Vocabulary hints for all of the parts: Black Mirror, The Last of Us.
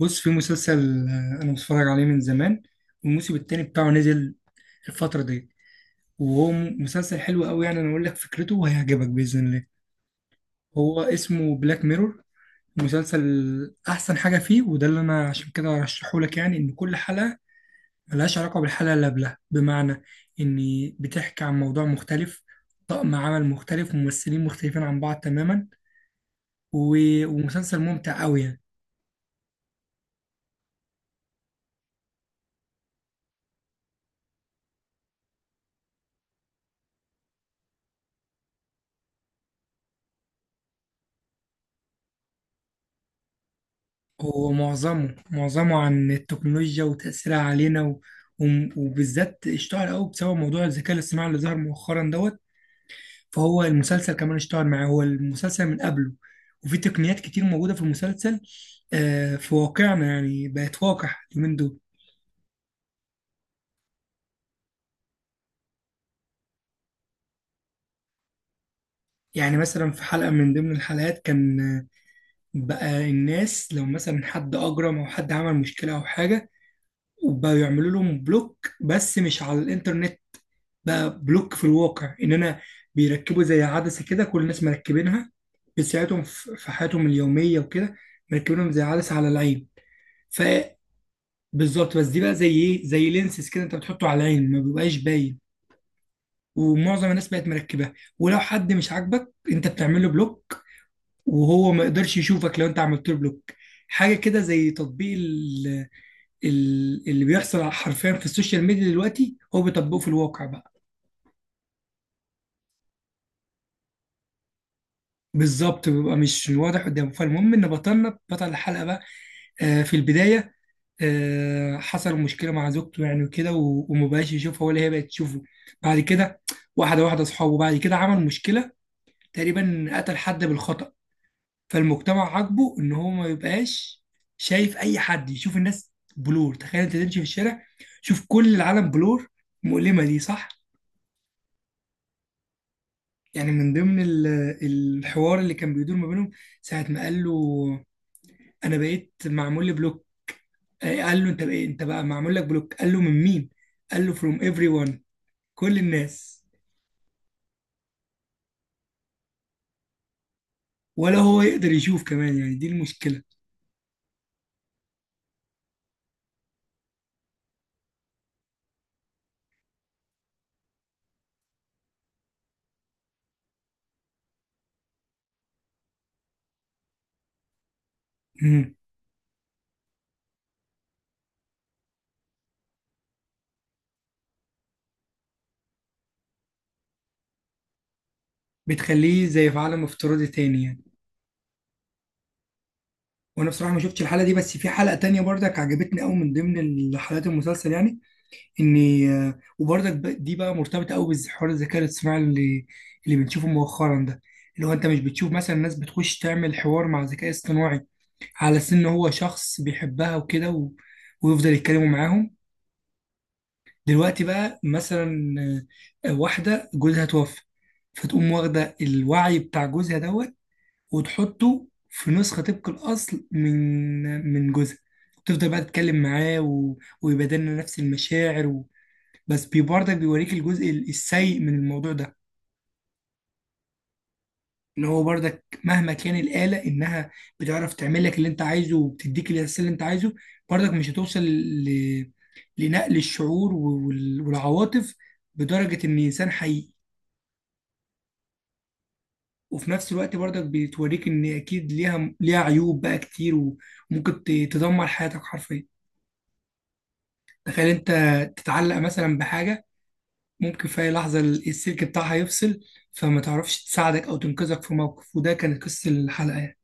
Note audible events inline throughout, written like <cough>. بص، في مسلسل. انا بتفرج عليه من زمان، والموسم التاني بتاعه نزل الفترة دي. وهو مسلسل حلو قوي يعني. انا اقول لك فكرته وهيعجبك بإذن الله. هو اسمه بلاك ميرور. مسلسل احسن حاجة فيه، وده اللي انا عشان كده ارشحه لك، يعني ان كل حلقة ملهاش علاقة بالحلقة اللي قبلها، بمعنى ان بتحكي عن موضوع مختلف، طقم عمل مختلف وممثلين مختلفين عن بعض تماما. و- ومسلسل ممتع قوي يعني. هو معظمه عن التكنولوجيا وتأثيرها علينا وبالذات اشتهر قوي بسبب موضوع الذكاء الاصطناعي اللي ظهر مؤخرا دوت. فهو المسلسل كمان اشتهر معاه، هو المسلسل من قبله. وفي تقنيات كتير موجودة في المسلسل في واقعنا، يعني بقت واقع اليومين دول. يعني مثلا في حلقة من ضمن الحلقات، كان بقى الناس لو مثلا حد أجرم أو حد عمل مشكلة أو حاجة، وبقوا يعملوا لهم بلوك، بس مش على الإنترنت، بقى بلوك في الواقع. ان انا بيركبوا زي عدسه كده، كل الناس مركبينها، بتساعدهم في حياتهم اليوميه وكده. مركبينهم زي عدسه على العين. فبالظبط، بس دي بقى زي ايه، زي لينسز كده، انت بتحطه على العين ما بيبقاش باين. ومعظم الناس بقت مركبها، ولو حد مش عاجبك انت بتعمل له بلوك، وهو ما يقدرش يشوفك لو انت عملت له بلوك. حاجه كده زي تطبيق اللي بيحصل حرفيا في السوشيال ميديا دلوقتي، هو بيطبقه في الواقع بقى. بالظبط، بيبقى مش واضح قدامه. فالمهم ان بطلنا، بطل الحلقه بقى، في البدايه حصل مشكله مع زوجته يعني وكده، و- ومبقاش يشوفها ولا هي بقت تشوفه. بعد كده واحده واحده اصحابه، بعد كده عمل مشكله، تقريبا قتل حد بالخطأ، فالمجتمع عاجبه ان هو ما يبقاش شايف اي حد، يشوف الناس بلور. تخيل انت تمشي في الشارع، شوف كل العالم بلور، مؤلمه دي صح؟ يعني من ضمن الحوار اللي كان بيدور ما بينهم، ساعه ما قال له انا بقيت معمول لي بلوك، قال له: انت بقى، انت بقى معمول لك بلوك. قال له: من مين؟ قال له: فروم ايفري ون، كل الناس. ولا هو يقدر يشوف كمان، يعني دي المشكله. امم. بتخليه زي في عالم افتراضي تاني يعني. وانا بصراحه ما شفتش الحلقه دي، بس في حلقه تانية برضك عجبتني قوي من ضمن حلقات المسلسل، يعني ان وبرضك دي بقى مرتبطه قوي بحوار الذكاء الاصطناعي اللي بنشوفه مؤخرا ده، اللي هو انت مش بتشوف مثلا ناس بتخش تعمل حوار مع ذكاء اصطناعي، على أساس إن هو شخص بيحبها وكده ويفضل يتكلموا معاهم. دلوقتي بقى مثلا واحدة جوزها توفى، فتقوم واخدة الوعي بتاع جوزها دوت، وتحطه في نسخة طبق الأصل من جوزها، تفضل بقى تتكلم معاه ويبادلنا نفس المشاعر بس برضك بيوريك الجزء السيء من الموضوع ده، اللي هو برضك مهما كان الآلة إنها بتعرف تعمل لك اللي أنت عايزه وبتديك الإحساس اللي أنت عايزه، برضك مش هتوصل لنقل الشعور والعواطف بدرجة إن إنسان حقيقي. وفي نفس الوقت برضك بتوريك إن أكيد ليها عيوب بقى كتير، وممكن تدمر حياتك حرفيا. تخيل أنت تتعلق مثلا بحاجة، ممكن في أي لحظة السلك بتاعها يفصل، فما تعرفش تساعدك أو تنقذك في موقف، وده كانت قصة الحلقة يعني.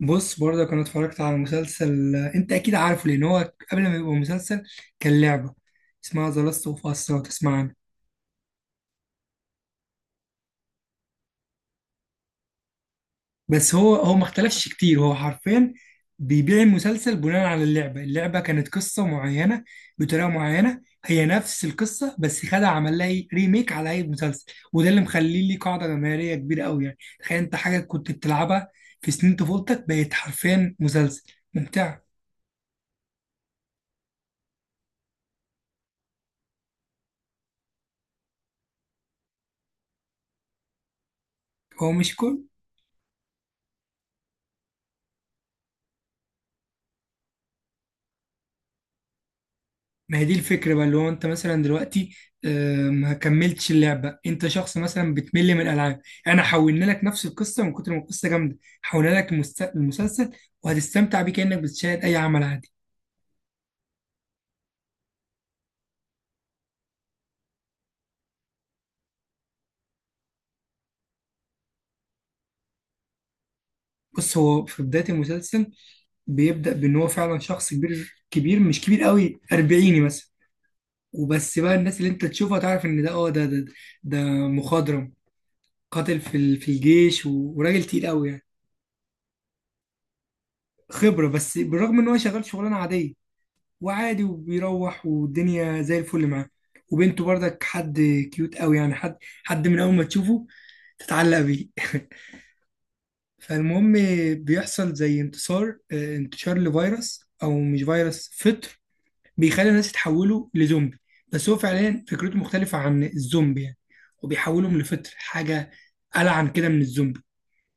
بص، برضه انا اتفرجت على مسلسل انت اكيد عارفه، لان هو قبل ما يبقى مسلسل كان لعبه، اسمها ذا لاست اوف اس، لو تسمع عنها. بس هو ما اختلفش كتير، هو حرفيا بيبيع المسلسل بناء على اللعبه. اللعبه كانت قصه معينه بطريقه معينه، هي نفس القصه بس خد عمل لها ريميك على اي مسلسل. وده اللي مخليه ليه قاعده جماهيريه كبيره قوي. يعني تخيل انت حاجه كنت بتلعبها في سنين طفولتك بقت حرفيا مسلسل ممتع. هو مش كل، ما هي دي الفكرة بقى، اللي هو انت مثلا دلوقتي ما كملتش اللعبة، انت شخص مثلا بتمل من الالعاب، يعني انا حولنا لك نفس القصة. من كتر ما القصة جامدة، حولنا لك المسلسل، وهتستمتع بيه كأنك بتشاهد اي عمل عادي. بص، هو في بداية المسلسل بيبدأ بان هو فعلا شخص كبير، كبير مش كبير قوي، اربعيني مثلا. وبس بقى الناس اللي انت تشوفها تعرف ان ده، اه، ده مخضرم، قاتل في الجيش، و- وراجل تقيل قوي يعني. خبرة، بس بالرغم ان هو شغال شغلانة عادية وعادي، وبيروح والدنيا زي الفل معاه. وبنته برضك حد كيوت قوي، يعني حد من اول ما تشوفه تتعلق بيه. فالمهم بيحصل زي انتصار، انتشار لفيروس، او مش فيروس، فطر، بيخلي الناس يتحولوا لزومبي. بس هو فعليا فكرته مختلفة عن الزومبي يعني، وبيحولهم لفطر، حاجة ألعن كده من الزومبي.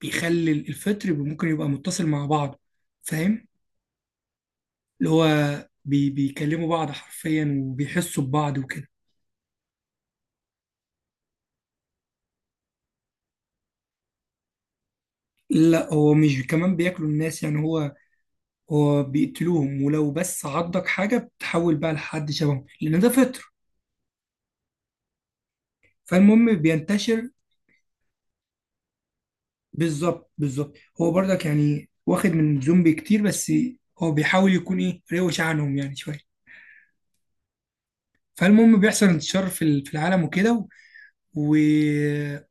بيخلي الفطر ممكن يبقى متصل مع بعض، فاهم؟ اللي هو بيكلموا بعض حرفيا وبيحسوا ببعض وكده. لا، هو مش كمان بياكلوا الناس يعني، هو بيقتلوهم، ولو بس عضك حاجة بتحول بقى لحد شبههم، لأن ده فطر. فالمهم بينتشر. بالظبط، هو برضك يعني واخد من زومبي كتير، بس هو بيحاول يكون إيه، روش عنهم يعني شوية. فالمهم بيحصل انتشار في العالم وكده، و...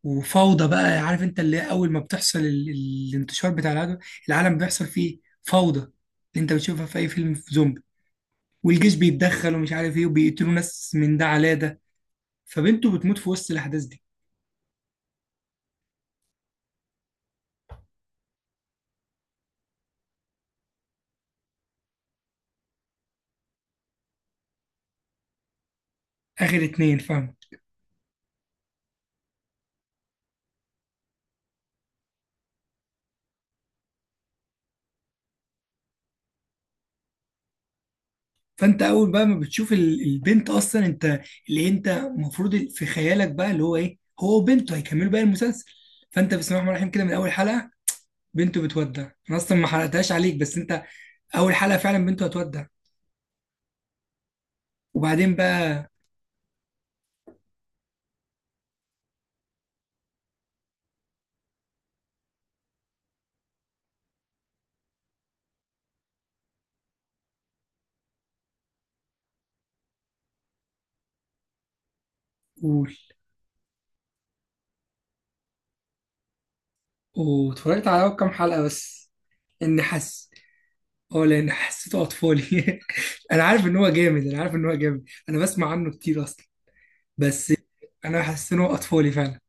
وفوضى بقى. عارف انت اللي هي أول ما بتحصل الانتشار بتاع العالم، العالم بيحصل فيه فوضى، اللي انت بتشوفها في أي فيلم في زومبي. والجيش بيتدخل، ومش عارف ايه، وبيقتلوا ناس من ده على ده. فبنته بتموت في وسط الاحداث دي. اخر اتنين، فاهم؟ فانت اول بقى ما بتشوف البنت اصلا، انت اللي انت المفروض في خيالك بقى اللي هو ايه، هو وبنته هيكملوا بقى المسلسل. فانت بسم الله الرحمن الرحيم كده من اول حلقه بنته بتودع. انا اصلا ما حرقتهاش عليك، بس انت اول حلقه فعلا بنته هتودع. وبعدين بقى قول. واتفرجت على أول كام حلقه بس، اني حاسس، اه، لان حسيته اطفالي. <laughs> انا عارف ان هو جامد، انا عارف ان هو جامد، انا بسمع عنه كتير اصلا، بس انا حاسس ان هو اطفالي فعلا.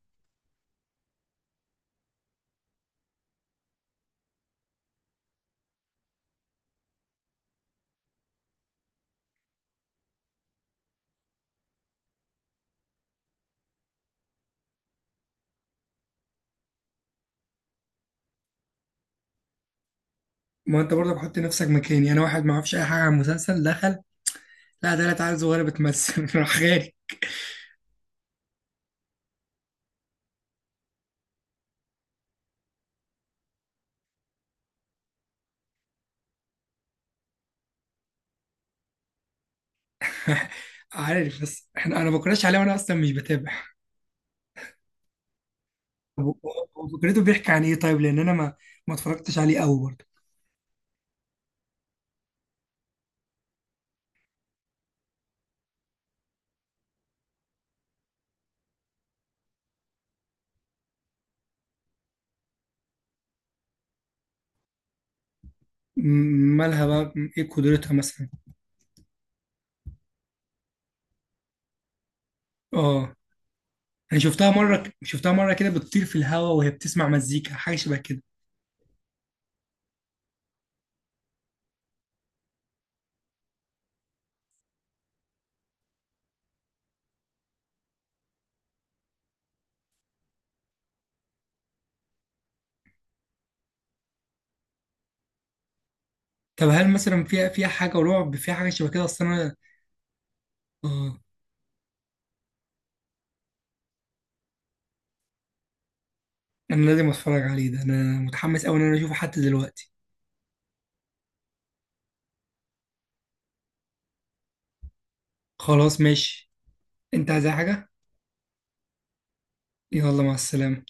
ما انت برضه بحط نفسك مكاني يعني، انا واحد ما اعرفش اي حاجه عن المسلسل، دخل. لا، ده لا تعالى صغيره بتمثل. <laughs> راح خارج. <laughs> عارف، بس احنا انا ما بكرهش عليه، وانا اصلا مش بتابع. طب هو، هو فكرته بيحكي عن ايه طيب؟ لان انا ما اتفرجتش عليه قوي برضه. مالها بقى، ايه قدرتها مثلا؟ اه، انا شفتها مره كده بتطير في الهواء وهي بتسمع مزيكا، حاجه شبه كده. طب هل مثلا فيها حاجة رعب، فيها حاجة شبه كده؟ أصل أنا، آه، أنا لازم أتفرج عليه ده. أنا متحمس أوي إن أنا أشوفه حتى دلوقتي. خلاص ماشي. أنت عايز أي حاجة؟ يلا مع السلامة.